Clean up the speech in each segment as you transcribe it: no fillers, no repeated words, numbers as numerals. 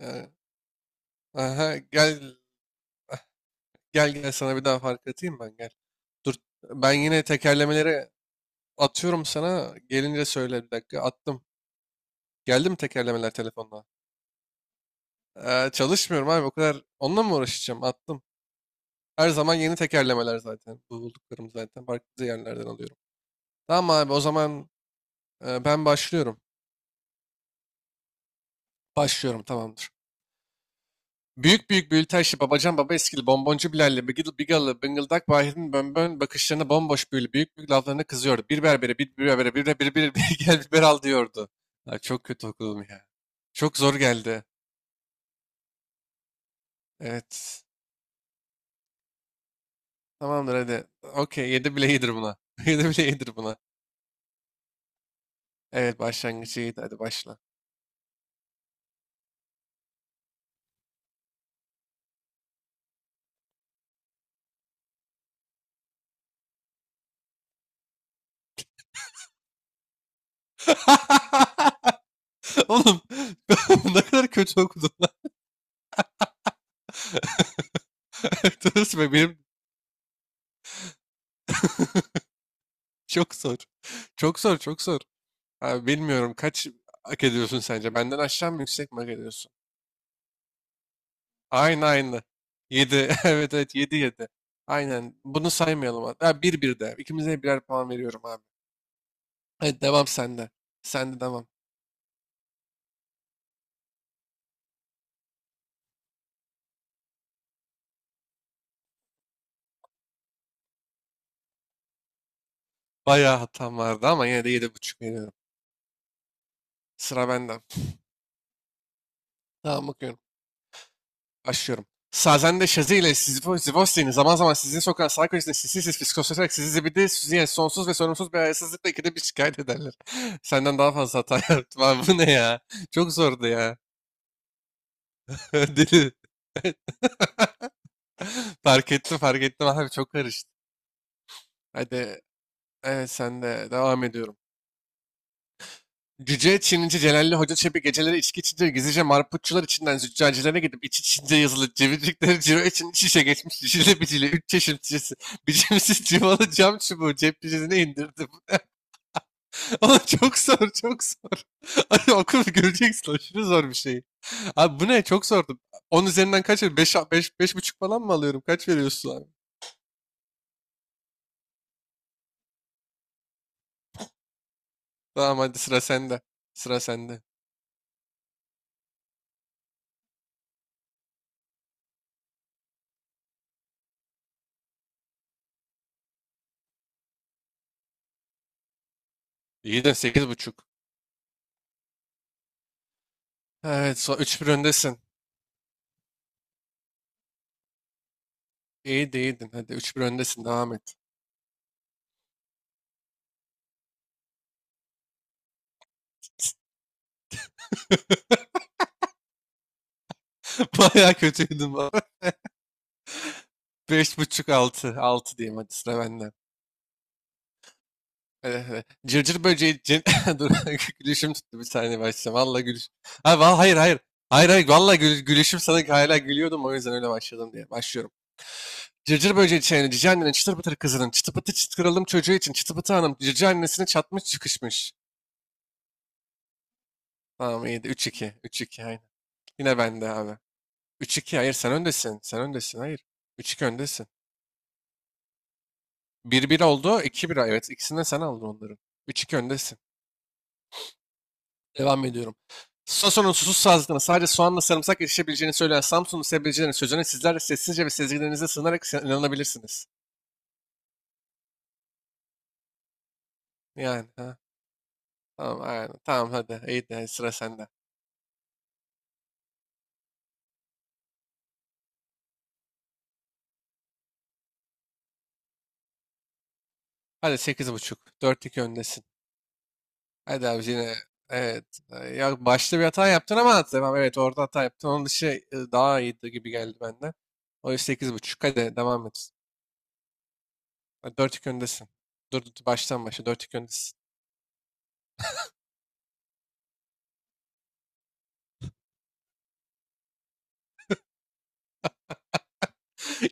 Eee, aha, gel gel gel sana bir daha fark atayım ben gel. Dur, ben yine tekerlemeleri atıyorum sana. Gelince söyle bir dakika. Attım. Geldi mi tekerlemeler telefonla? Çalışmıyorum abi o kadar. Onunla mı uğraşacağım? Attım. Her zaman yeni tekerlemeler zaten. Bulduklarım zaten farklı yerlerden alıyorum. Tamam abi, o zaman ben başlıyorum. Başlıyorum, tamamdır. Büyük büyük büyülü aşı babacan baba eskili bonboncu Bilal'le bigil bigalı bıngıldak Bahir'in bönbön bakışlarına bomboş büyülü büyük büyük laflarına kızıyordu. Bir berbere, bir berbere, bir de bir gel biber al diyordu. Ya, çok kötü okudum ya. Çok zor geldi. Evet. Tamamdır, hadi. Okey, yedi bile iyidir buna. Yedi bile iyidir buna. Evet, başlangıcı iyiydi, hadi başla. Oğlum, ne kadar kötü okudum lan. Dur, benim çok zor. Çok zor, çok zor. Abi bilmiyorum, kaç hak ediyorsun sence? Benden aşağı mı, yüksek mi hak ediyorsun? Aynı aynı. Yedi. Evet evet, 7 7. Aynen. Bunu saymayalım abi. Ha, bir 1 de. İkimize birer puan veriyorum abi. Hadi, devam sende. Sende devam. Bayağı hatam vardı ama yine de yedi buçuk veriyorum. Sıra benden. Tamam, bakıyorum. Başlıyorum. Sazen de Şazi ile Sivos'in zaman zaman sizi sokan sağ köşesine sinsi sinsi fiskoslaşarak sizi zibidi süzüye sonsuz ve sorumsuz bir hayasızlıkla ikide bir şikayet ederler. Senden daha fazla hata yaptım abi, bu ne ya? Çok zordu ya. Deli. Fark ettim, fark ettim abi, çok karıştı. Hadi, evet, sen de devam ediyorum. Cüce Çinici Celalli Hoca Çebi geceleri içki içince gizlice marputçular içinden züccacilere gidip iç içince yazılı cevizcikleri ciro için iç içe geçmiş şişeli biciyle üç çeşit şişesi biçimsiz civalı cam çubuğu cep cüzine indirdi. Oğlum çok zor, çok zor. Abi okur göreceksin, aşırı zor bir şey. Abi bu ne, çok zordu. 10 üzerinden kaç veriyorsun? Beş buçuk falan mı alıyorum? Kaç veriyorsun abi? Tamam, hadi sıra sende. Sıra sende. İyi de sekiz buçuk. Evet, so 3-1 öndesin. İyiydi, iyiydin. Hadi, üç bir öndesin. Devam et. Bayağı kötüydüm baba. Beş buçuk, altı. Altı diyeyim, hadi sıra benden. Hadi, hadi. Cırcır böceği cin... Dur, gülüşüm tuttu, bir saniye başlayacağım. Valla gülüş. Hayır hayır. Hayır hayır, valla gülüşüm sana, hala gülüyordum, o yüzden öyle başladım diye. Başlıyorum. Cırcır böceği çiğnedi cici annenin çıtır pıtır kızının çıtı pıtı çıt kralım çocuğu için çıtı pıtı hanım cici annesine çatmış çıkışmış. Tamam, iyiydi, üç iki, üç iki, aynen. Yine bende abi. Üç iki, hayır, sen öndesin, sen öndesin, hayır. Üç iki öndesin. Bir bir oldu. İki bir, evet. İkisini de sen aldın onların. Üç iki öndesin. Devam ediyorum. Sason'un susuz sağlıklarına sadece soğanla sarımsak yetişebileceğini söyleyen Samsun'un sebzecilerin sözüne sizler de sessizce ve sezgilerinize sığınarak inanabilirsiniz. Yani, ha. Tamam, aynen. Tamam, hadi. İyi de sıra sende. Hadi, sekiz buçuk, dört iki öndesin. Hadi abi, yine evet. e, Ya, başta bir hata yaptın ama tamam, evet, orada hata yaptın. Onun dışı daha iyiydi gibi geldi benden. O yüzden sekiz buçuk, hadi devam et. Dört iki öndesin. Dur dur dur, baştan başa dört iki öndesin.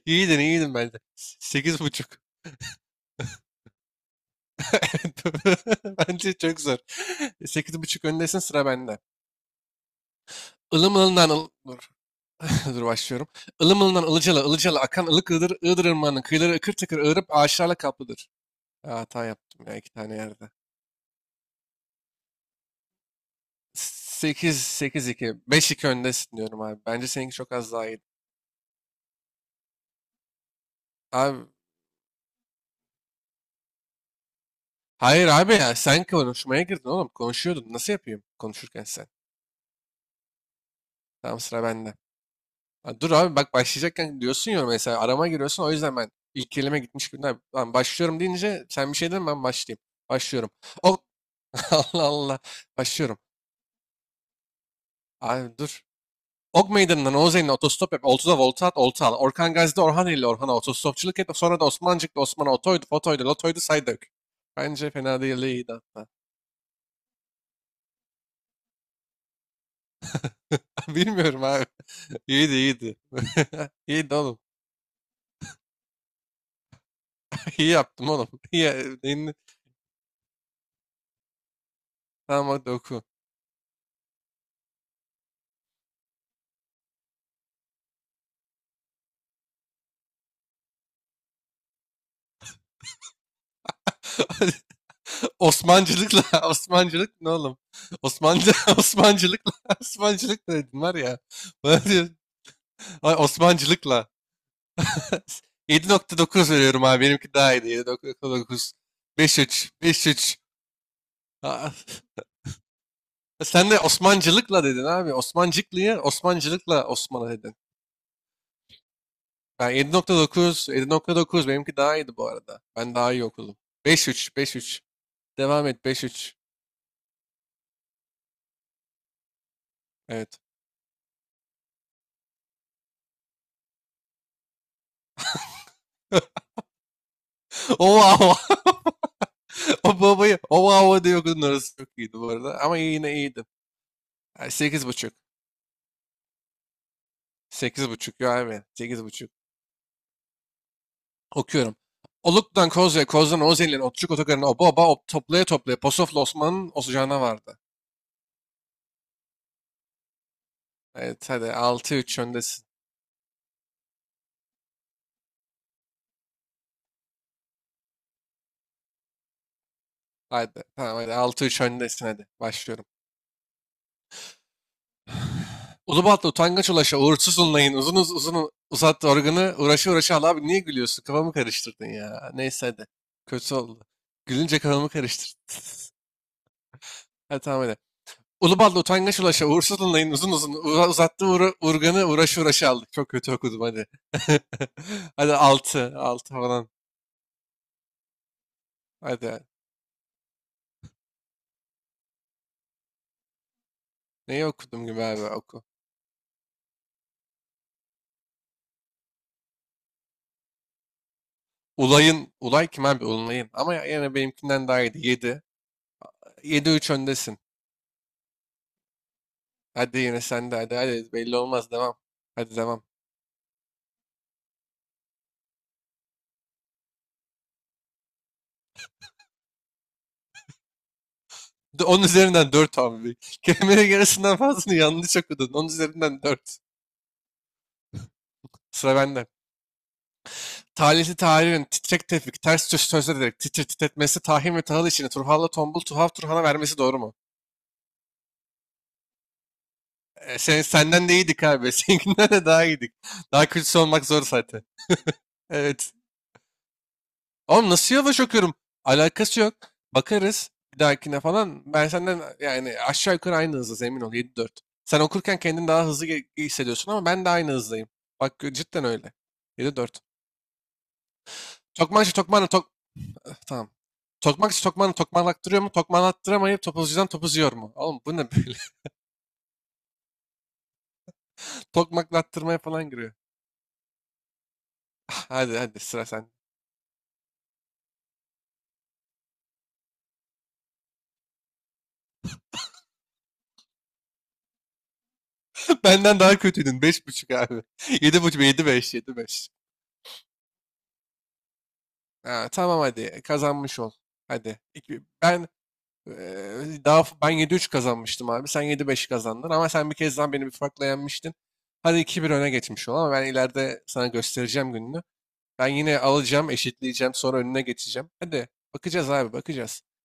İyiydin, iyiydin bence. Sekiz buçuk. Evet, doğru. Bence çok zor. Sekiz buçuk öndesin, sıra bende. Dur, dur, başlıyorum. Ilım ılından ılıcalı, ılıcalı akan ılık ığdır, ığdır ırmağının kıyıları ıkır tıkır ığırıp ağaçlarla kaplıdır. Ya, hata yaptım ya iki tane yerde. Sekiz, sekiz iki. Beş iki öndesin diyorum abi. Bence seninki çok az daha iyi. Abi, hayır abi, ya sen konuşmaya girdin oğlum. Konuşuyordun. Nasıl yapayım konuşurken sen? Tamam, sıra bende. Ha, dur abi, bak başlayacakken diyorsun ya, mesela arama giriyorsun, o yüzden ben ilk kelime gitmiş gibi. "Lan ben başlıyorum" deyince sen bir şey deme, ben başlayayım. Başlıyorum. Ok Allah Allah. Başlıyorum. Abi dur. Ok Meydanı'ndan Oğuzeli'ne otostop yap. Oltu'da volta at, olta al. Orkan Gazi'de Orhaneli ile Orhan'a otostopçuluk et. Sonra da Osmancık'ta Osman'a otoydu, fotoydu, lotoydu, say dök. Bence fena değil, iyiydi hatta. Bilmiyorum abi. İyiydi, iyiydi. İyiydi oğlum. İyi yaptım oğlum. İyi. Neyini? Tamam, hadi oku. Osmancılıkla Osmancılık ne oğlum? Osmancı Osmancılıkla Osmancılık ne dedin var ya. Bana diyor, "Ay, Osmancılıkla" 7.9 veriyorum abi. Benimki daha iyiydi. 7.9. 5.3, 5.3. Aa, sen de Osmancılıkla dedin abi. Osmancıklı'yı Osmancılıkla Osman'a dedin. Ben 7.9, 7.9, benimki daha iyiydi bu arada. Ben daha iyi okudum. 5.3, 5.3. Devam et, 5.3. Evet. Oh wow. O babayı o hava diye okudun, orası çok iyiydi bu arada. Ama yine iyiydi. Yani sekiz buçuk. Sekiz buçuk ya abi. Sekiz buçuk. Okuyorum. Oluk'tan Kozya, Koz'dan Ozel'in, Otçuk Otogar'ın, o baba, o Toplaya Toplaya, Posof'la Osman'ın Osucağına vardı. Evet, hadi altı üç öndesin. Hadi tamam, hadi altı üç öndesin, hadi. Başlıyorum. Ulubatlı utangaç ulaşa uğursuz unlayın. Uzun uzun uzattı organı uğraşı uğraşı al, abi niye gülüyorsun? Kafamı karıştırdın ya. Neyse hadi. Kötü oldu. Gülünce kafamı karıştırdın. Hadi tamam, hadi. Ulubal'da utangaç ulaşa uğursuz Luna'nın uzun uzun uzattığı urganı uğraşı uğraşı aldık. Çok kötü okudum, hadi. Hadi, 6 6 falan. Hadi. Neyi okudum gibi abi, oku. Ulay'ın. Ulay kim abi? Ulay'ın. Ama yine benimkinden daha iyiydi. 7. 7 üç öndesin. Hadi yine sen de, hadi hadi. Belli olmaz. Devam. Hadi devam. 10 üzerinden 4 abi. Kelimenin yarısından fazlasını yanlış okudun. 10 üzerinden 4. Sıra bende. Talihli Tahir'in titrek tevfik ters söz sözler ederek titir titretmesi Tahir ve Tahıl işini Turhal'la Tombul Tuhaf Turhan'a vermesi doğru mu? E, senden de iyiydik abi. Seninkinden de daha iyiydik. Daha kötüsü olmak zor zaten. Evet. Oğlum nasıl yavaş okuyorum? Alakası yok. Bakarız bir dahakine falan. Ben senden, yani aşağı yukarı aynı hızdayız, emin ol, 7-4. Sen okurken kendini daha hızlı hissediyorsun ama ben de aynı hızdayım. Bak, cidden öyle. 7-4. Tokmanca Tokman'la Tok... Eh, tamam. Tokmak iş tokmağını tokmaklattırıyor mu? Tokmaklattıramayıp topuzcudan topuz yiyor mu? Oğlum bu ne böyle? Tokmaklattırmaya falan giriyor. Ah, hadi hadi, sıra sen. Benden daha kötüydün. Beş buçuk abi. Yedi buçuk. Yedi beş. Yedi beş. Ha, tamam hadi. Kazanmış ol. Hadi. Ben ben yedi 3 kazanmıştım abi. Sen 7-5 kazandın ama sen bir kez daha beni bir farkla yenmiştin. Hadi iki bir öne geçmiş ol ama ben ileride sana göstereceğim gününü. Ben yine alacağım, eşitleyeceğim, sonra önüne geçeceğim. Hadi bakacağız abi, bakacağız.